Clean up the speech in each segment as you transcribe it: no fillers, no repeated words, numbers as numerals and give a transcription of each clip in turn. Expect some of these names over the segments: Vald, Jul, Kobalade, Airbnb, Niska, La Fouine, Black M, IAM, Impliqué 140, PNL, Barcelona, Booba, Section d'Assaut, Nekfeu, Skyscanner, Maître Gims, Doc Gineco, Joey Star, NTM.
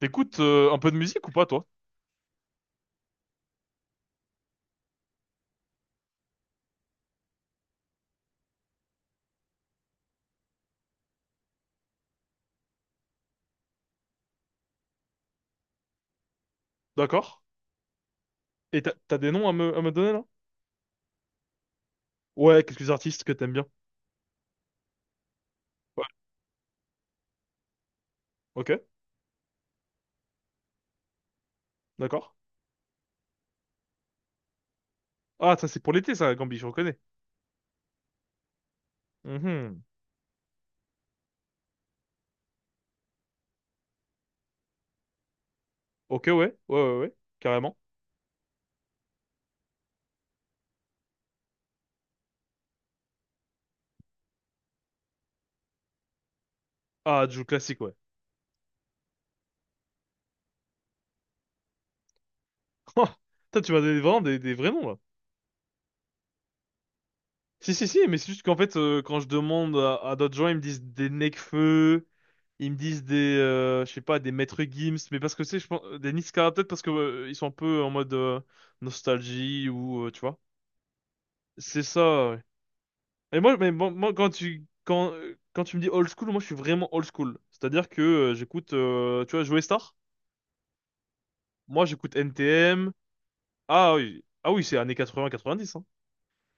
T'écoutes un peu de musique ou pas, toi? D'accord. Et t'as des noms à à me donner, là? Ouais, quelques artistes que t'aimes bien. Ouais. Ok, d'accord. Ah, ça, c'est pour l'été, ça, Gambi, je reconnais. Mhm. Ok, ouais, ouais, ouais, ouais, ouais, carrément. Ah, du classique, ouais. Toi, tu m'as donné vraiment des vrais noms, là. Si, si, si, mais c'est juste qu'en fait, quand je demande à d'autres gens, ils me disent des Nekfeu, ils me disent des, je sais pas, des Maître Gims, mais parce que c'est, je pense, des Niska, peut-être parce que ils sont un peu en mode nostalgie ou, tu vois. C'est ça, ouais. Moi, quand tu me dis old school, moi, je suis vraiment old school. C'est-à-dire que j'écoute, tu vois, Joey Star. Moi, j'écoute NTM. Ah oui, ah oui, c'est années 80-90, hein.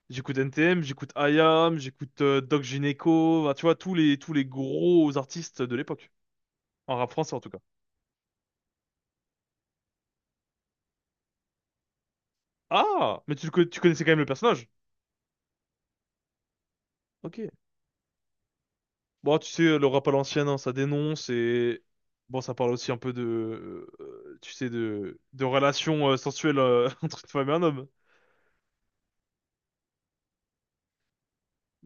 J'écoute NTM, j'écoute IAM, j'écoute Doc Gineco, bah, tu vois, tous les gros artistes de l'époque. En rap français, en tout cas. Ah! Mais tu connaissais quand même le personnage? Ok. Bon, tu sais, le rap à l'ancienne, hein, ça dénonce et... Bon, ça parle aussi un peu tu sais, de relations sensuelles entre une femme et un homme.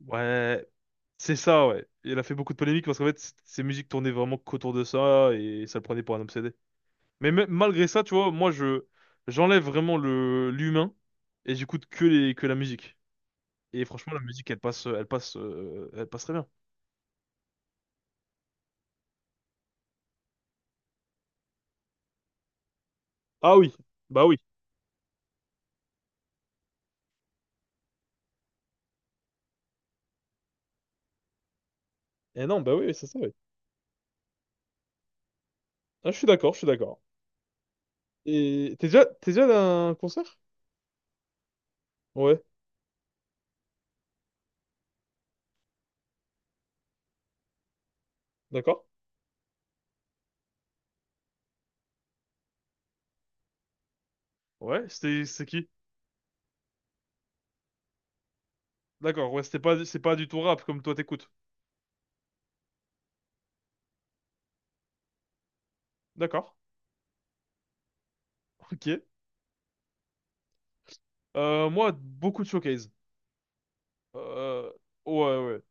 Ouais, c'est ça, ouais. Il a fait beaucoup de polémiques parce qu'en fait, ses musiques tournaient vraiment qu'autour de ça et ça le prenait pour un obsédé. Mais malgré ça, tu vois, moi, je j'enlève vraiment le l'humain et j'écoute que la musique. Et franchement, la musique, elle passe très bien. Ah oui, bah oui. Eh non, bah oui, c'est ça, oui. Ah, je suis d'accord, je suis d'accord. Et t'es déjà allé à un concert? Ouais, d'accord. Ouais, c'est qui? D'accord, ouais, c'est pas du tout rap comme toi t'écoutes. D'accord. Ok. Moi, beaucoup de showcase. Euh, ouais, ouais.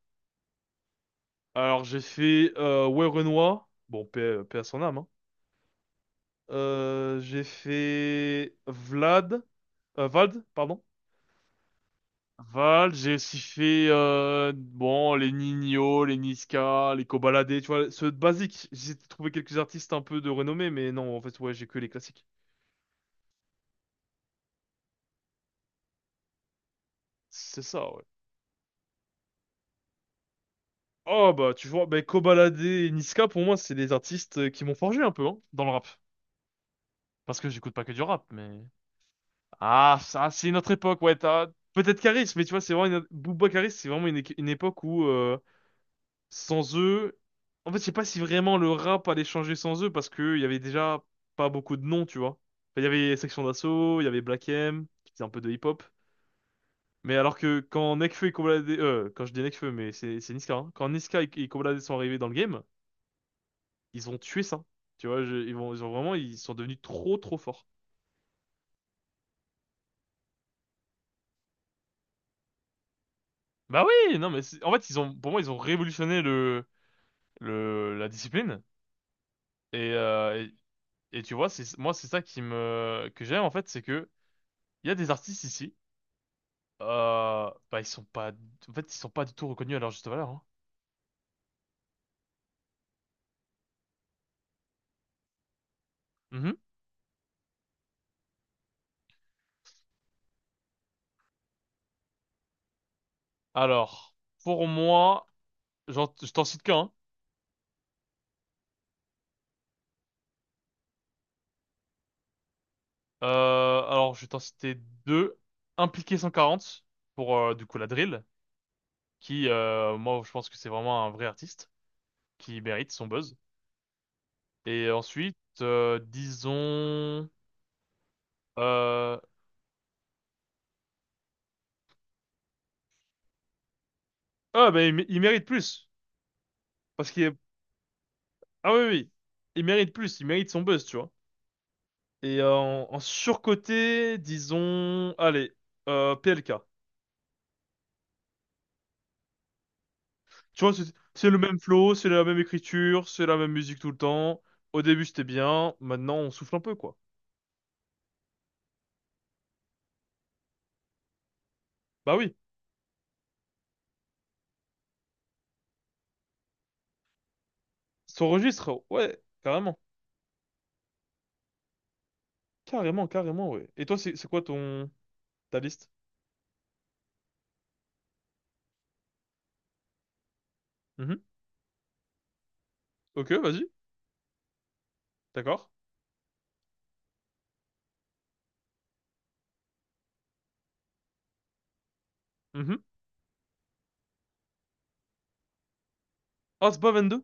Alors, j'ai fait, ouais. Bon, paix, paix à son âme, hein. J'ai fait Vlad. Vald, pardon. Vald, j'ai aussi fait bon, les Nino, les Niska, les Kobalade, tu vois, ceux de basique. J'ai trouvé quelques artistes un peu de renommée, mais non, en fait, ouais, j'ai que les classiques. C'est ça, ouais. Oh, bah, tu vois, bah, Kobalade et Niska, pour moi, c'est des artistes qui m'ont forgé un peu, hein, dans le rap. Parce que j'écoute pas que du rap, mais... Ah, ça, c'est notre époque, ouais. Peut-être Caris, mais tu vois, c'est vraiment Booba Caris, c'est vraiment une époque où sans eux, en fait, je sais pas si vraiment le rap allait changer sans eux parce que il y avait déjà pas beaucoup de noms, tu vois. Enfin, il y avait Section d'Assaut, il y avait Black M, qui faisait un peu de hip-hop. Mais alors que quand Nekfeu et quand je dis Nekfeu, mais c'est Niska, hein. Quand Niska et Kobla Dé sont arrivés dans le game, ils ont tué ça. Tu vois, ils ont vraiment, ils sont devenus trop, trop forts. Bah oui, non, mais en fait, ils ont, pour moi, ils ont révolutionné le la discipline et, euh, et tu vois, c'est ça qui me que j'aime, en fait, c'est que il y a des artistes ici, bah ils sont pas en fait, ils sont pas du tout reconnus à leur juste valeur, hein. Mhm. Alors, pour moi, je t'en cite qu'un, hein. Alors je vais t'en citer deux: Impliqué 140 pour, du coup, la drill, qui, moi je pense que c'est vraiment un vrai artiste qui mérite son buzz. Et ensuite, disons euh... ah, bah il mérite plus parce que... Ah oui, oui, oui. Il mérite plus, il mérite son buzz, tu vois. Et en surcoté, disons, allez, PLK. Tu vois, c'est le même flow, c'est la même écriture, c'est la même musique tout le temps. Au début, c'était bien, maintenant, on souffle un peu, quoi. Bah oui, son registre, ouais, carrément. Carrément, carrément, ouais. Et toi, c'est quoi ton... ta liste? Mhm. Ok, vas-y, d'accord. Mhm. Ah, c'est pas 22?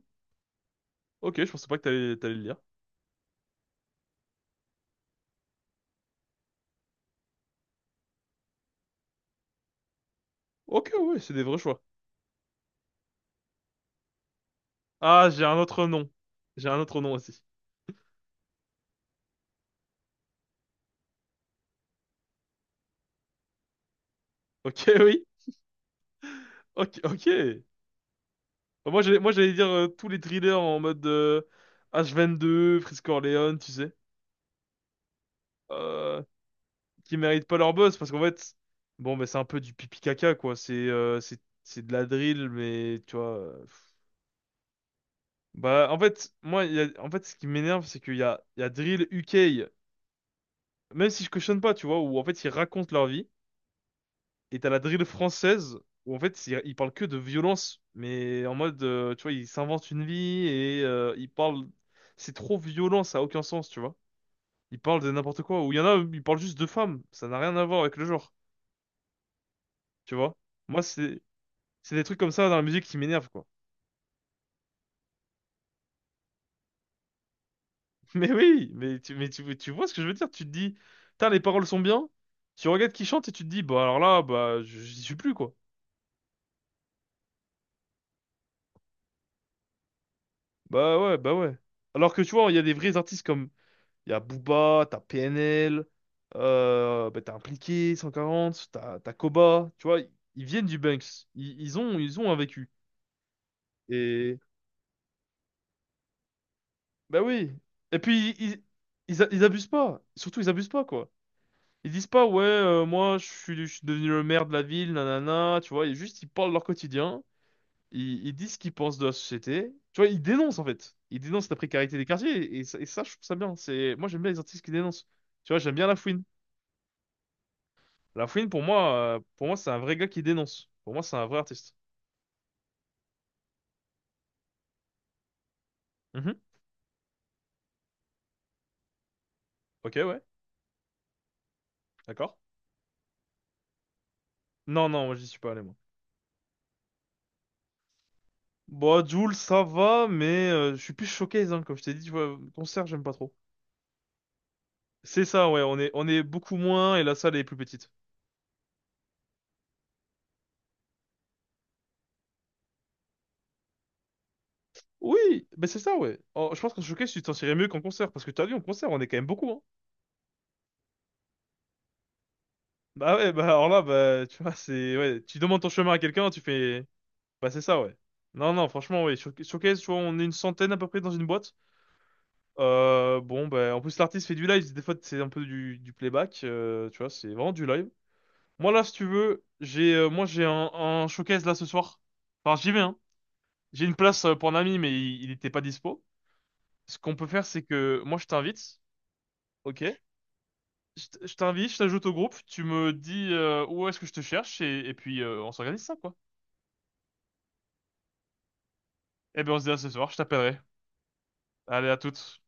Ok, je pensais pas que t'allais le lire. Ok, ouais, c'est des vrais choix. Ah, j'ai un autre nom. J'ai un autre nom aussi. Ok, oui. Ok, ok. Bah, moi, j'allais dire tous les thrillers en mode H2 Frisco Orleans, tu sais, euh, qui méritent pas leur buzz parce qu'en fait, bon, bah, c'est un peu du pipi caca, quoi. C'est de la drill, mais tu vois. Pff. Bah, en fait, moi, en fait, ce qui m'énerve, c'est qu'il y a drill UK, même si je cautionne pas, tu vois, où en fait, ils racontent leur vie. Et t'as la drill française où en fait il parle que de violence, mais en mode tu vois, il s'invente une vie et il parle, c'est trop violent, ça a aucun sens, tu vois. Il parle de n'importe quoi. Ou il y en a, il parle juste de femmes, ça n'a rien à voir avec le genre, tu vois. Moi, c'est des trucs comme ça dans la musique qui m'énervent, quoi. Mais oui, tu vois ce que je veux dire? Tu te dis: putain, les paroles sont bien. Tu regardes qui chante et tu te dis: bah alors là, bah j'y suis plus, quoi. Bah ouais, bah ouais. Alors que tu vois, il y a des vrais artistes comme il y a Booba, t'as PNL, bah, t'as Impliqué, 140, t'as Koba, tu vois, ils viennent du Banks. Ils ont un vécu. Et bah oui. Et puis ils abusent pas. Surtout ils abusent pas, quoi. Ils disent pas ouais, moi je suis, devenu le maire de la ville, nanana, tu vois, ils juste ils parlent de leur quotidien, ils disent ce qu'ils pensent de la société. Tu vois, ils dénoncent en fait. Ils dénoncent la précarité des quartiers et ça, je trouve ça bien. C'est moi, j'aime bien les artistes qui dénoncent. Tu vois, j'aime bien La Lafouine, pour moi, pour moi, c'est un vrai gars qui dénonce. Pour moi, c'est un vrai artiste. Mhm. Ok, ouais, d'accord. Non, non, moi, j'y suis pas allé, moi. Bon, Jul, ça va, mais je suis plus showcase, hein, comme je t'ai dit, tu vois, concert, j'aime pas trop. C'est ça, ouais, on est beaucoup moins et la salle est plus petite. Oui, ben c'est ça, ouais. Oh, je pense qu'en showcase, tu t'en tirais mieux qu'en concert, parce que t'as vu, en concert, on est quand même beaucoup, hein. Bah ouais, bah alors là, bah, tu vois, c'est, ouais, tu demandes ton chemin à quelqu'un, tu fais, bah c'est ça, ouais. Non, non, franchement, ouais, showcase, tu vois, on est une centaine à peu près dans une boîte. Bon, ben, en plus, l'artiste fait du live, des fois, c'est un peu du playback, tu vois, c'est vraiment du live. Moi, là, si tu veux, moi, j'ai un showcase là ce soir. Enfin, j'y vais, hein. J'ai une place pour un ami, mais il était pas dispo. Ce qu'on peut faire, c'est que moi, je t'invite, ok? Je t'invite, je t'ajoute au groupe, tu me dis où est-ce que je te cherche, et puis on s'organise ça, quoi. Eh ben, on se dit à ce soir, je t'appellerai. Allez, à toutes.